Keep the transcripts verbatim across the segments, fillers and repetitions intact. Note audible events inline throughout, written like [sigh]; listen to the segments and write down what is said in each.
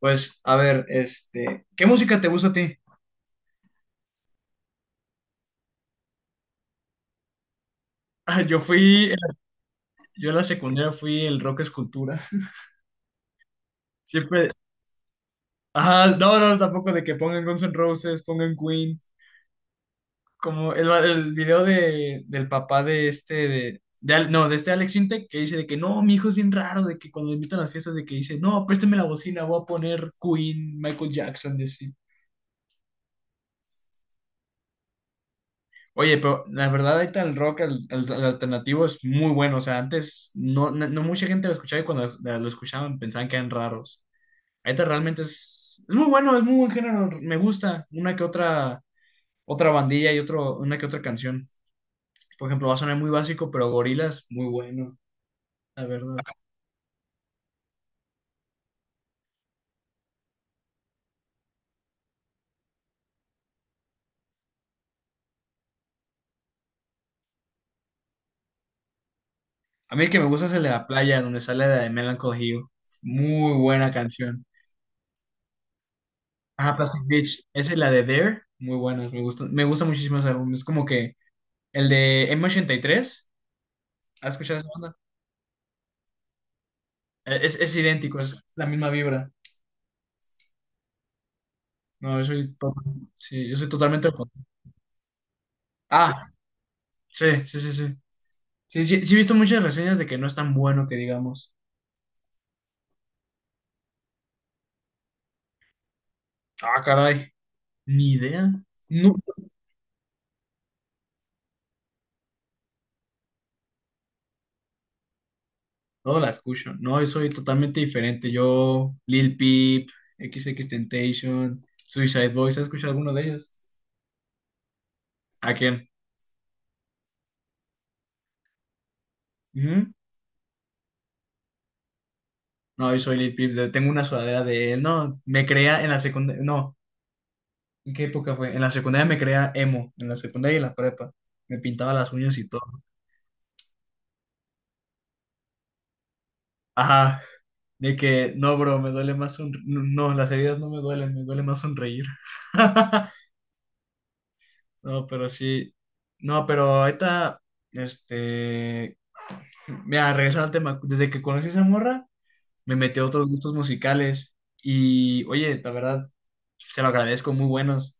Pues, a ver, este, ¿qué música te gusta a ti? Ah, Yo fui, yo en la secundaria fui el rock escultura. Siempre, ajá, no, no, tampoco de que pongan Guns N' Roses, pongan Queen, como el, el video de, del papá de este, de, de Al- no, de este Alex Intec, que dice de que no, mi hijo es bien raro, de que cuando lo invitan a las fiestas, de que dice, no, préstame la bocina, voy a poner Queen, Michael Jackson, y así. Oye, pero la verdad ahorita el rock, el, el- el alternativo es muy bueno. O sea, antes no, no, no mucha gente lo escuchaba y cuando lo lo escuchaban pensaban que eran raros. Ahorita realmente es, es muy bueno, es muy buen género. Me gusta una que otra, otra bandilla y otro, una que otra canción. Por ejemplo, va a sonar muy básico, pero Gorillaz, muy bueno, la verdad. A mí el que me gusta es el de la playa, donde sale la de Melancholy Hill. Muy buena canción. Ajá, Plastic Beach. Esa es la de There. Muy buena, me gusta, me gusta muchísimo ese álbum. Es como que el de eme ochenta y tres. ¿Has escuchado esa banda? Eh, Es, es idéntico, es la misma vibra. No, yo soy, to- sí, yo soy totalmente al contrario. Ah, sí, sí, sí, sí. Sí, sí, sí he visto muchas reseñas de que no es tan bueno que digamos. Ah, caray, ni idea. No, no la escucho. No, yo soy totalmente diferente. Yo, Lil Peep, XXXTentacion, Suicide Boys, ¿has escuchado alguno de ellos? ¿A quién? Ujú. No, yo soy Lil Peep, de- tengo una sudadera de él. No, me crea en la secundaria. No, ¿en qué época fue? En la secundaria me creía emo, en la secundaria y en la prepa. Me pintaba las uñas y todo. Ajá, de que, no, bro, me duele más sonreír. No, no, las heridas no me duelen, me duele más sonreír. [laughs] No, pero sí. No, pero ahorita, este, mira, regresando al tema, desde que conocí a esa morra, me metió a otros gustos musicales y, oye, la verdad, se lo agradezco, muy buenos.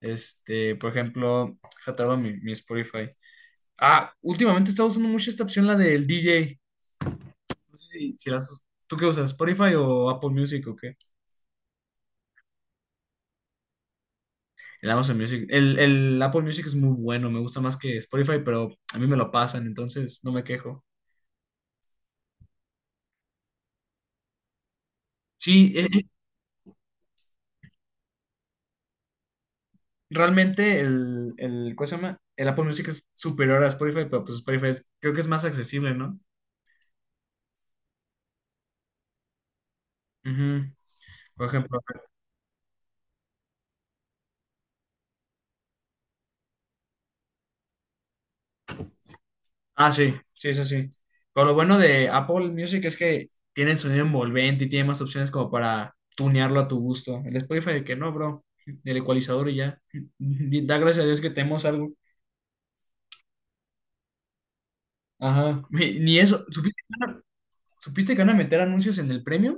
Este, por ejemplo, se mi, mi Spotify. Ah, últimamente he estado usando mucho esta opción, la del D J. No sé si, si la usas. ¿Tú qué usas? ¿Spotify o Apple Music o qué? El Amazon Music. El, el Apple Music es muy bueno, me gusta más que Spotify, pero a mí me lo pasan, entonces no me quejo. Sí, eh, eh, realmente el, el, ¿cómo se llama? El Apple Music es superior a Spotify, pero pues Spotify es- creo que es más accesible, ¿no? Ujú. Por ejemplo, ah, sí, sí, eso sí. Pero lo bueno de Apple Music es que tiene sonido envolvente y tiene más opciones como para tunearlo a tu gusto. El Spotify de que no, bro. El ecualizador y ya. [laughs] Da gracias a Dios que tenemos algo. Ajá. Ni ni eso. ¿Supiste que van a, ¿supiste que van a meter anuncios en el premium?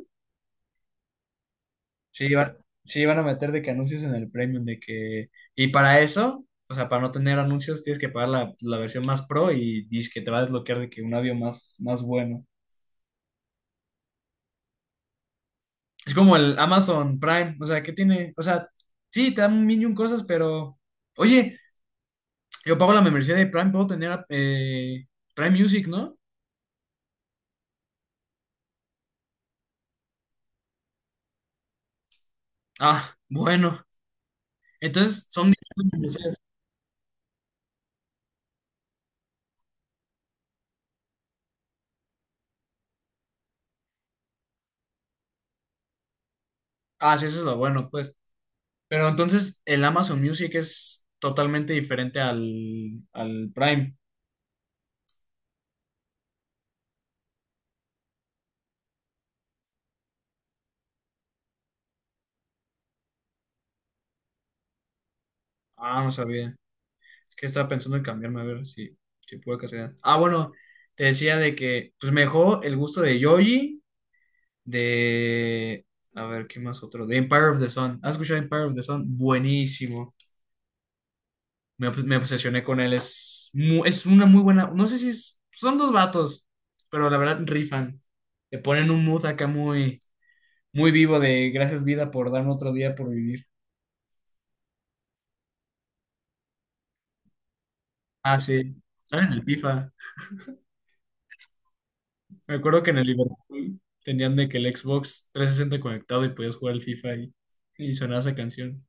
Sí, va- sí, van a meter de que anuncios en el premium, de que... Y para eso, o sea, para no tener anuncios, tienes que pagar la, la versión más pro y dice que te va a desbloquear de que un audio más, más bueno. Es como el Amazon Prime, o sea, ¿qué tiene? O sea, sí, te dan un millón cosas, pero... Oye, yo pago la membresía de Prime, puedo tener eh, Prime Music, ¿no? Ah, bueno. Entonces, son distintas membresías. Ah, sí, eso es lo bueno, pues. Pero entonces, el Amazon Music es totalmente diferente al, al Prime. Ah, no sabía. Es que estaba pensando en cambiarme, a ver si, si puedo casar. Ah, bueno, te decía de que, pues, mejor el gusto de Yoyi de. A ver, ¿qué más otro? De Empire of the Sun. ¿Has escuchado Empire of the Sun? Buenísimo. Me, obs- me obsesioné con él. Es, mu- es una muy buena. No sé si es- son dos vatos, pero la verdad rifan. Le ponen un mood acá muy, muy vivo de gracias vida por darme otro día por vivir. Ah, sí. Están en el FIFA. Me acuerdo que en el Liverpool tenían de que el Xbox trescientos sesenta conectado y podías jugar al FIFA y, y sonaba esa canción.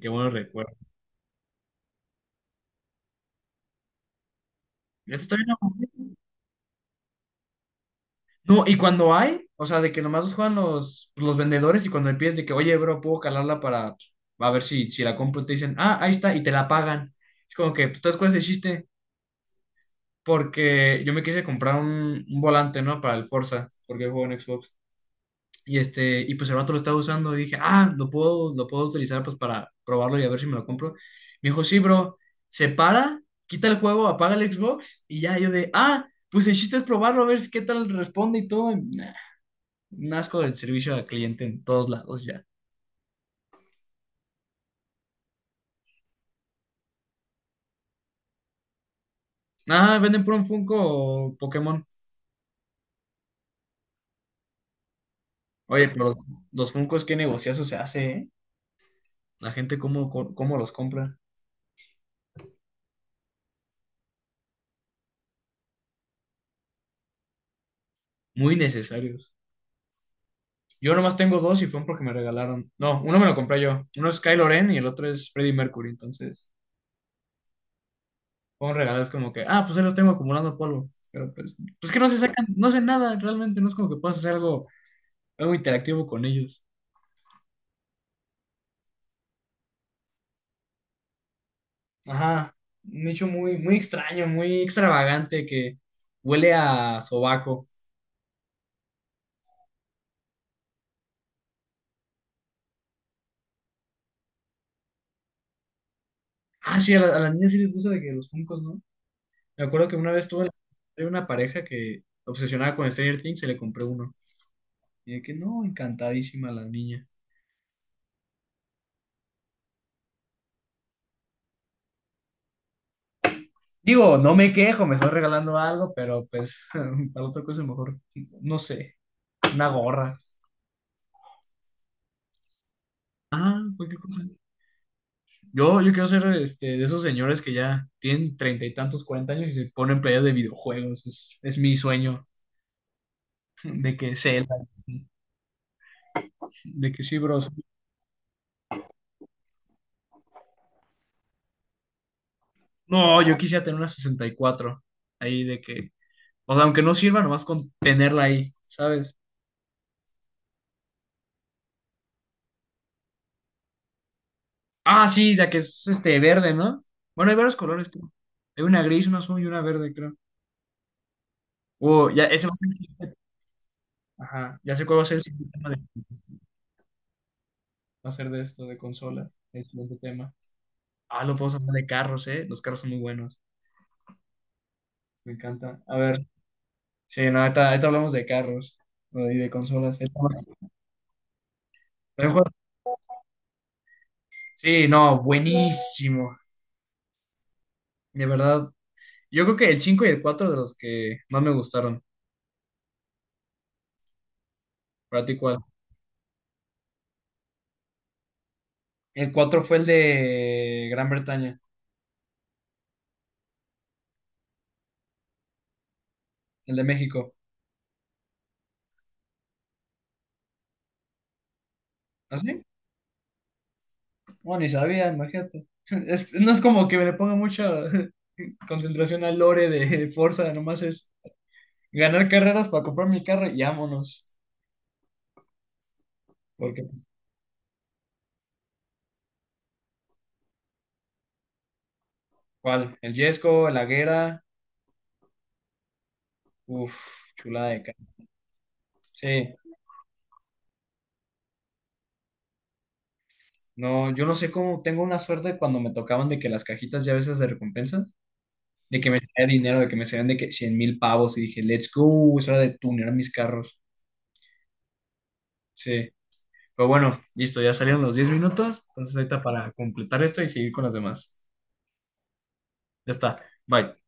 Qué buenos recuerdos. Esto está. No, y cuando hay, o sea, de que nomás los juegan los, los vendedores y cuando le pides de que, oye, bro, puedo calarla para pues, a ver si, si la compro, te dicen, ah, ahí está, y te la pagan. Es como que, pues, ¿tú sabes cuál es el chiste? Porque yo me quise comprar un, un volante, ¿no? Para el Forza, porque juego en Xbox. Y este, y pues el vato lo estaba usando y dije, ah, lo puedo, lo puedo utilizar pues para probarlo y a ver si me lo compro. Me dijo, sí, bro, se para, quita el juego, apaga el Xbox y ya yo de, ah, pues el chiste es probarlo, a ver qué tal responde y todo. Un asco del servicio al cliente en todos lados ya. Ah, venden por un Funko o Pokémon. Oye, pero los, los Funkos, qué negociazo se hace, ¿eh? La gente cómo, co- cómo los compra. Muy necesarios. Yo nomás tengo dos y fueron porque me regalaron. No, uno me lo compré yo. Uno es Kylo Ren y el otro es Freddie Mercury. Entonces, fueron regalos como que, ah, pues ahí los tengo acumulando polvo. Pero pues, pues que no se sacan, no hacen nada realmente. No es como que puedas hacer algo, algo interactivo con ellos. Ajá, un hecho muy, muy extraño, muy extravagante que huele a sobaco. Ah, sí, a, la- a las niñas sí les gusta de que los Funkos, ¿no? Me acuerdo que una vez tuve una pareja que obsesionada con Stranger Things se le compré uno. Y de que no, encantadísima la niña. Digo, no me quejo, me estoy regalando algo, pero pues [laughs] para otra cosa mejor, no sé, una gorra. Ah, cualquier cosa. Yo, yo quiero ser este, de esos señores que ya tienen treinta y tantos, cuarenta años y se ponen playas de videojuegos. Es, es mi sueño. De que Zelda, sí. De que sí, bros. No, yo quisiera tener una sesenta y cuatro. Ahí de que. O sea, aunque no sirva, nomás con tenerla ahí, ¿sabes? Ah, sí, la que es este verde, ¿no? Bueno, hay varios colores, creo. Hay una gris, una azul y una verde, creo. Oh, ya, ese va a ser. Ajá, ya sé cuál va a ser el siguiente tema de, va a ser de esto, de consolas. El siguiente tema. Ah, lo podemos hablar de carros, ¿eh? Los carros son muy buenos. Me encanta. A ver, sí, no, ahorita, ahorita hablamos de carros. ¿No? Y de consolas. Ahorita- sí, no, buenísimo. De verdad. Yo creo que el cinco y el cuatro de los que más me gustaron. ¿Para ti cuál? El cuatro fue el de Gran Bretaña, el de México. ¿Así? Bueno, ni sabía, imagínate. [laughs] Es- no es como que me le ponga mucha [laughs] concentración al lore de Forza, nomás es ganar carreras para comprar mi carro y vámonos. Porque, pues, ¿cuál? El Yesco, el Aguera, uff, chulada de carro. Sí, no, yo no sé cómo tengo una suerte cuando me tocaban de que las cajitas ya a veces de recompensa de que me salía dinero, de que me salían de que cien mil pavos y dije, let's go, es hora de tunear mis carros. Sí. Pero bueno, listo, ya salieron los diez minutos, entonces ahorita para completar esto y seguir con las demás. Ya está, bye.